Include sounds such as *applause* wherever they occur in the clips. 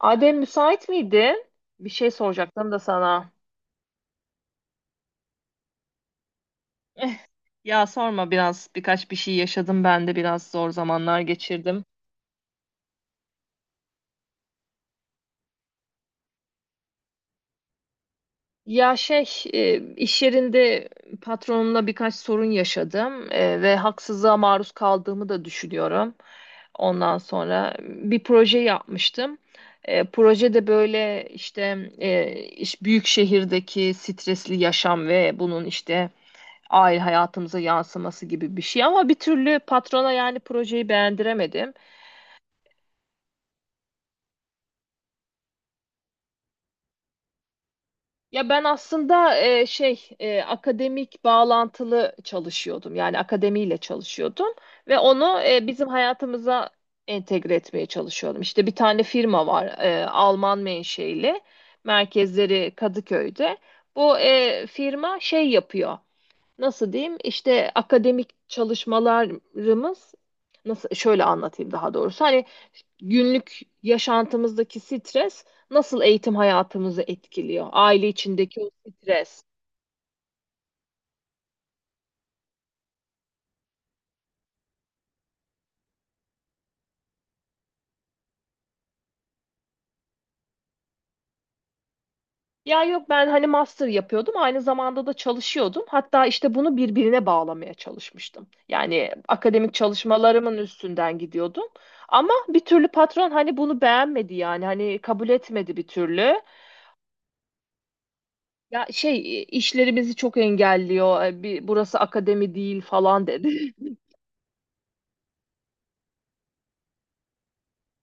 Adem, müsait miydin? Bir şey soracaktım da sana. *laughs* Eh, Ya sorma, biraz birkaç bir şey yaşadım, ben de biraz zor zamanlar geçirdim. Ya şey, iş yerinde patronumla birkaç sorun yaşadım ve haksızlığa maruz kaldığımı da düşünüyorum. Ondan sonra bir proje yapmıştım. Projede böyle işte büyük şehirdeki stresli yaşam ve bunun işte aile hayatımıza yansıması gibi bir şey, ama bir türlü patrona yani projeyi beğendiremedim. Ya ben aslında akademik bağlantılı çalışıyordum. Yani akademiyle çalışıyordum ve onu bizim hayatımıza entegre etmeye çalışıyordum. İşte bir tane firma var, Alman menşeili. Merkezleri Kadıköy'de. Bu firma şey yapıyor. Nasıl diyeyim, işte akademik çalışmalarımız nasıl, şöyle anlatayım daha doğrusu, hani günlük yaşantımızdaki stres nasıl eğitim hayatımızı etkiliyor, aile içindeki o stres. Ya yok, ben hani master yapıyordum, aynı zamanda da çalışıyordum, hatta işte bunu birbirine bağlamaya çalışmıştım, yani akademik çalışmalarımın üstünden gidiyordum, ama bir türlü patron hani bunu beğenmedi, yani hani kabul etmedi bir türlü. Ya şey işleri bizi çok engelliyor. Bir, burası akademi değil falan dedi. *laughs*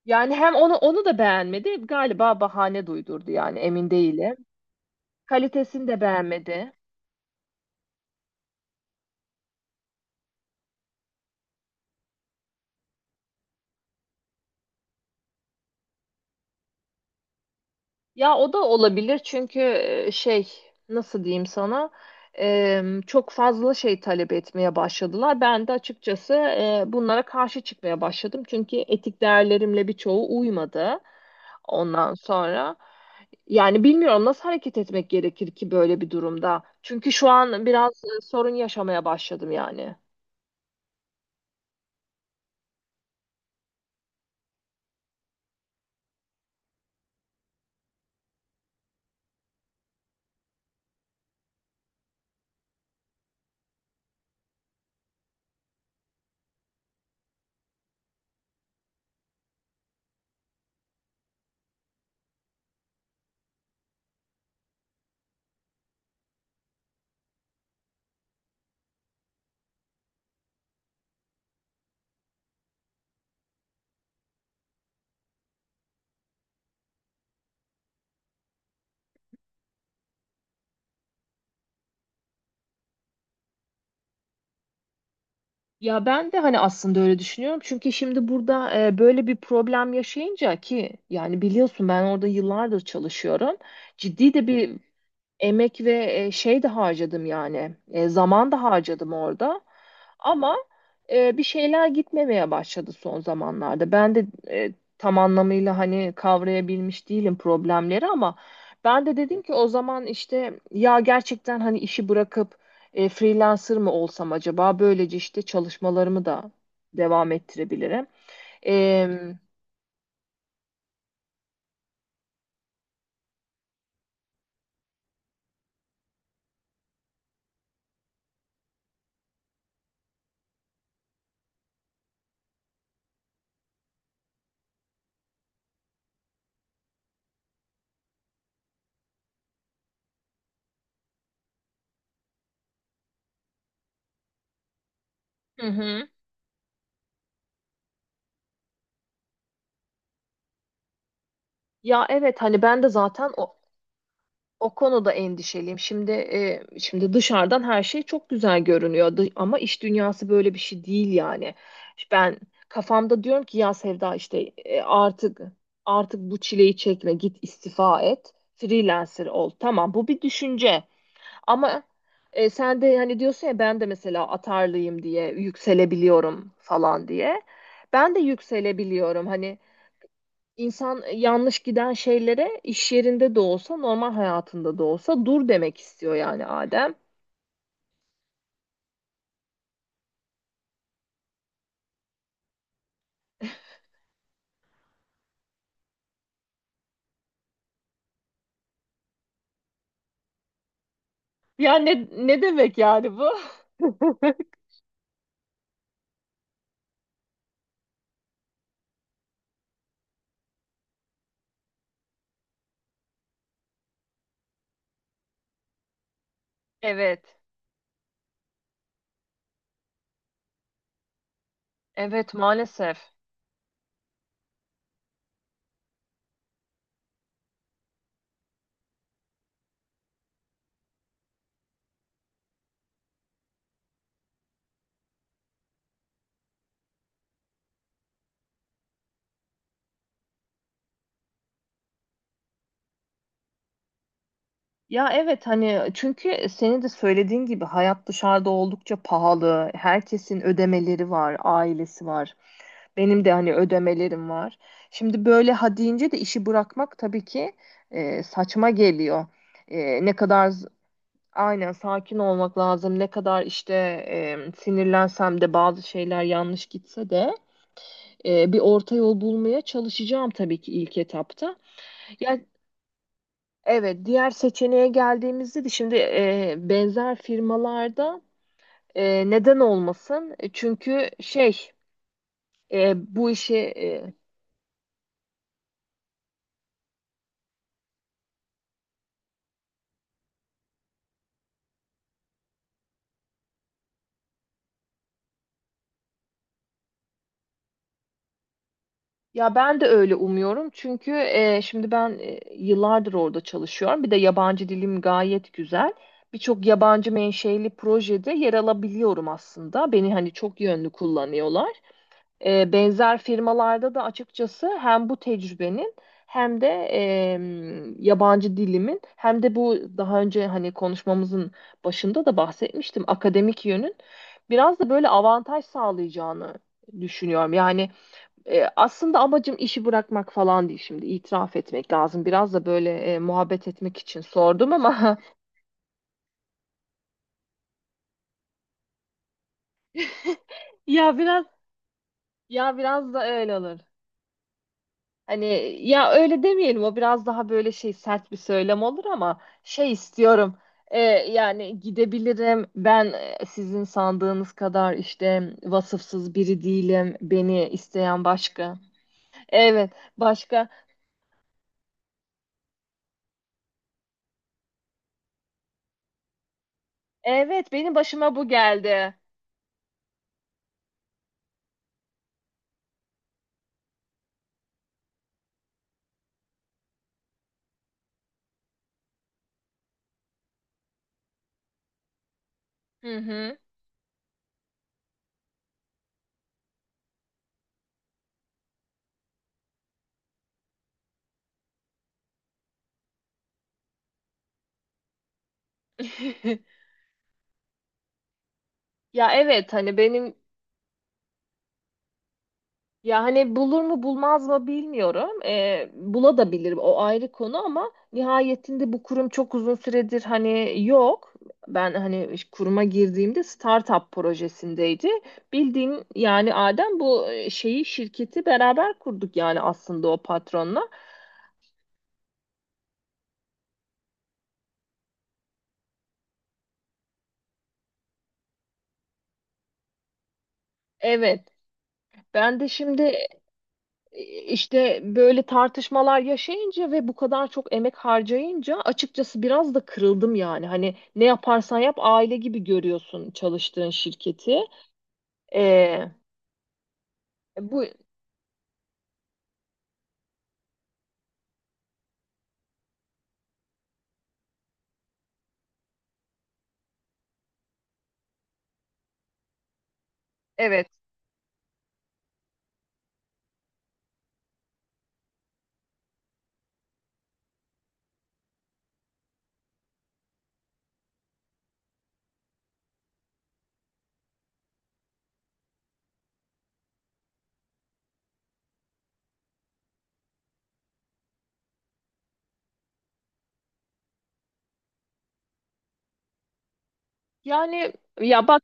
Yani hem onu onu da beğenmedi. Galiba bahane duydurdu, yani emin değilim. Kalitesini de beğenmedi. Ya o da olabilir, çünkü e, şey nasıl diyeyim sana, çok fazla şey talep etmeye başladılar. Ben de açıkçası bunlara karşı çıkmaya başladım. Çünkü etik değerlerimle birçoğu uymadı ondan sonra. Yani bilmiyorum nasıl hareket etmek gerekir ki böyle bir durumda. Çünkü şu an biraz sorun yaşamaya başladım yani. Ya ben de hani aslında öyle düşünüyorum. Çünkü şimdi burada böyle bir problem yaşayınca, ki yani biliyorsun ben orada yıllardır çalışıyorum. Ciddi de bir emek ve şey de harcadım, yani zaman da harcadım orada, ama bir şeyler gitmemeye başladı son zamanlarda. Ben de tam anlamıyla hani kavrayabilmiş değilim problemleri, ama ben de dedim ki o zaman işte, ya gerçekten hani işi bırakıp freelancer mı olsam acaba, böylece işte çalışmalarımı da devam ettirebilirim. E, hı hı. Ya evet hani ben de zaten o, o konuda endişeliyim. Şimdi dışarıdan her şey çok güzel görünüyor, ama iş dünyası böyle bir şey değil yani. Ben kafamda diyorum ki ya Sevda işte, artık, bu çileyi çekme, git istifa et, freelancer ol. Tamam, bu bir düşünce, ama sen de hani diyorsun ya ben de mesela atarlıyım diye yükselebiliyorum falan diye. Ben de yükselebiliyorum. Hani İnsan, yanlış giden şeylere iş yerinde de olsa, normal hayatında da olsa dur demek istiyor yani Adem. Ya ne, ne demek yani bu? *laughs* Evet. Evet, maalesef. Ya evet hani, çünkü senin de söylediğin gibi hayat dışarıda oldukça pahalı. Herkesin ödemeleri var, ailesi var. Benim de hani ödemelerim var. Şimdi böyle ha deyince de işi bırakmak tabii ki saçma geliyor. Ne kadar... Aynen, sakin olmak lazım. Ne kadar işte sinirlensem de, bazı şeyler yanlış gitse de, bir orta yol bulmaya çalışacağım tabii ki ilk etapta. Ya evet, diğer seçeneğe geldiğimizde de, şimdi benzer firmalarda, neden olmasın? Çünkü şey, bu işi... Ya ben de öyle umuyorum, çünkü şimdi ben yıllardır orada çalışıyorum. Bir de yabancı dilim gayet güzel. Birçok yabancı menşeli projede yer alabiliyorum aslında. Beni hani çok yönlü kullanıyorlar. Benzer firmalarda da açıkçası hem bu tecrübenin hem de yabancı dilimin, hem de bu daha önce hani konuşmamızın başında da bahsetmiştim akademik yönün biraz da böyle avantaj sağlayacağını düşünüyorum. Yani aslında amacım işi bırakmak falan değil, şimdi itiraf etmek lazım. Biraz da böyle muhabbet etmek için sordum ama *laughs* ya biraz, ya biraz da öyle olur. Hani, ya öyle demeyelim, o biraz daha böyle şey sert bir söylem olur, ama şey istiyorum. Yani gidebilirim ben, sizin sandığınız kadar işte vasıfsız biri değilim. Beni isteyen başka. Evet, başka. Evet, benim başıma bu geldi. Hı hı. *laughs* Ya evet hani benim, ya hani bulur mu bulmaz mı bilmiyorum. Bula da bilir, o ayrı konu, ama nihayetinde bu kurum çok uzun süredir hani yok. Ben hani kuruma girdiğimde startup projesindeydi. Bildiğin yani Adem, bu şeyi, şirketi beraber kurduk yani aslında, o patronla. Evet. Ben de şimdi işte böyle tartışmalar yaşayınca ve bu kadar çok emek harcayınca açıkçası biraz da kırıldım yani. Hani ne yaparsan yap aile gibi görüyorsun çalıştığın şirketi. Ee, Bu evet. Yani ya bak,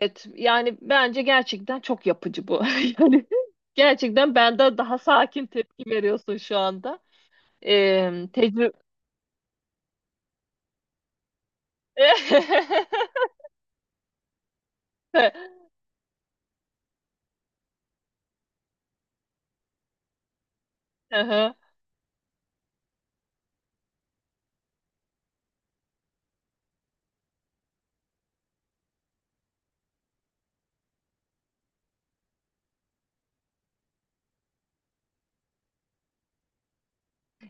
evet, yani bence gerçekten çok yapıcı bu. *laughs* Yani gerçekten benden daha sakin tepki veriyorsun şu anda. Tecrübe. *laughs*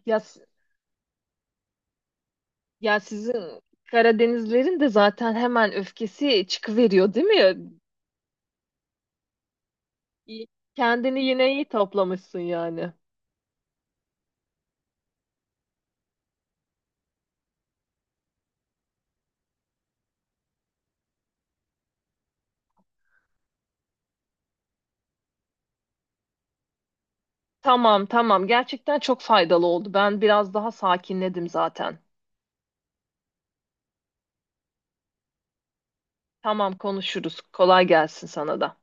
Ya, ya sizin Karadenizlerin de zaten hemen öfkesi çıkıveriyor değil mi? İyi- Kendini yine iyi toplamışsın yani. Tamam, tamam, gerçekten çok faydalı oldu. Ben biraz daha sakinledim zaten. Tamam, konuşuruz. Kolay gelsin sana da.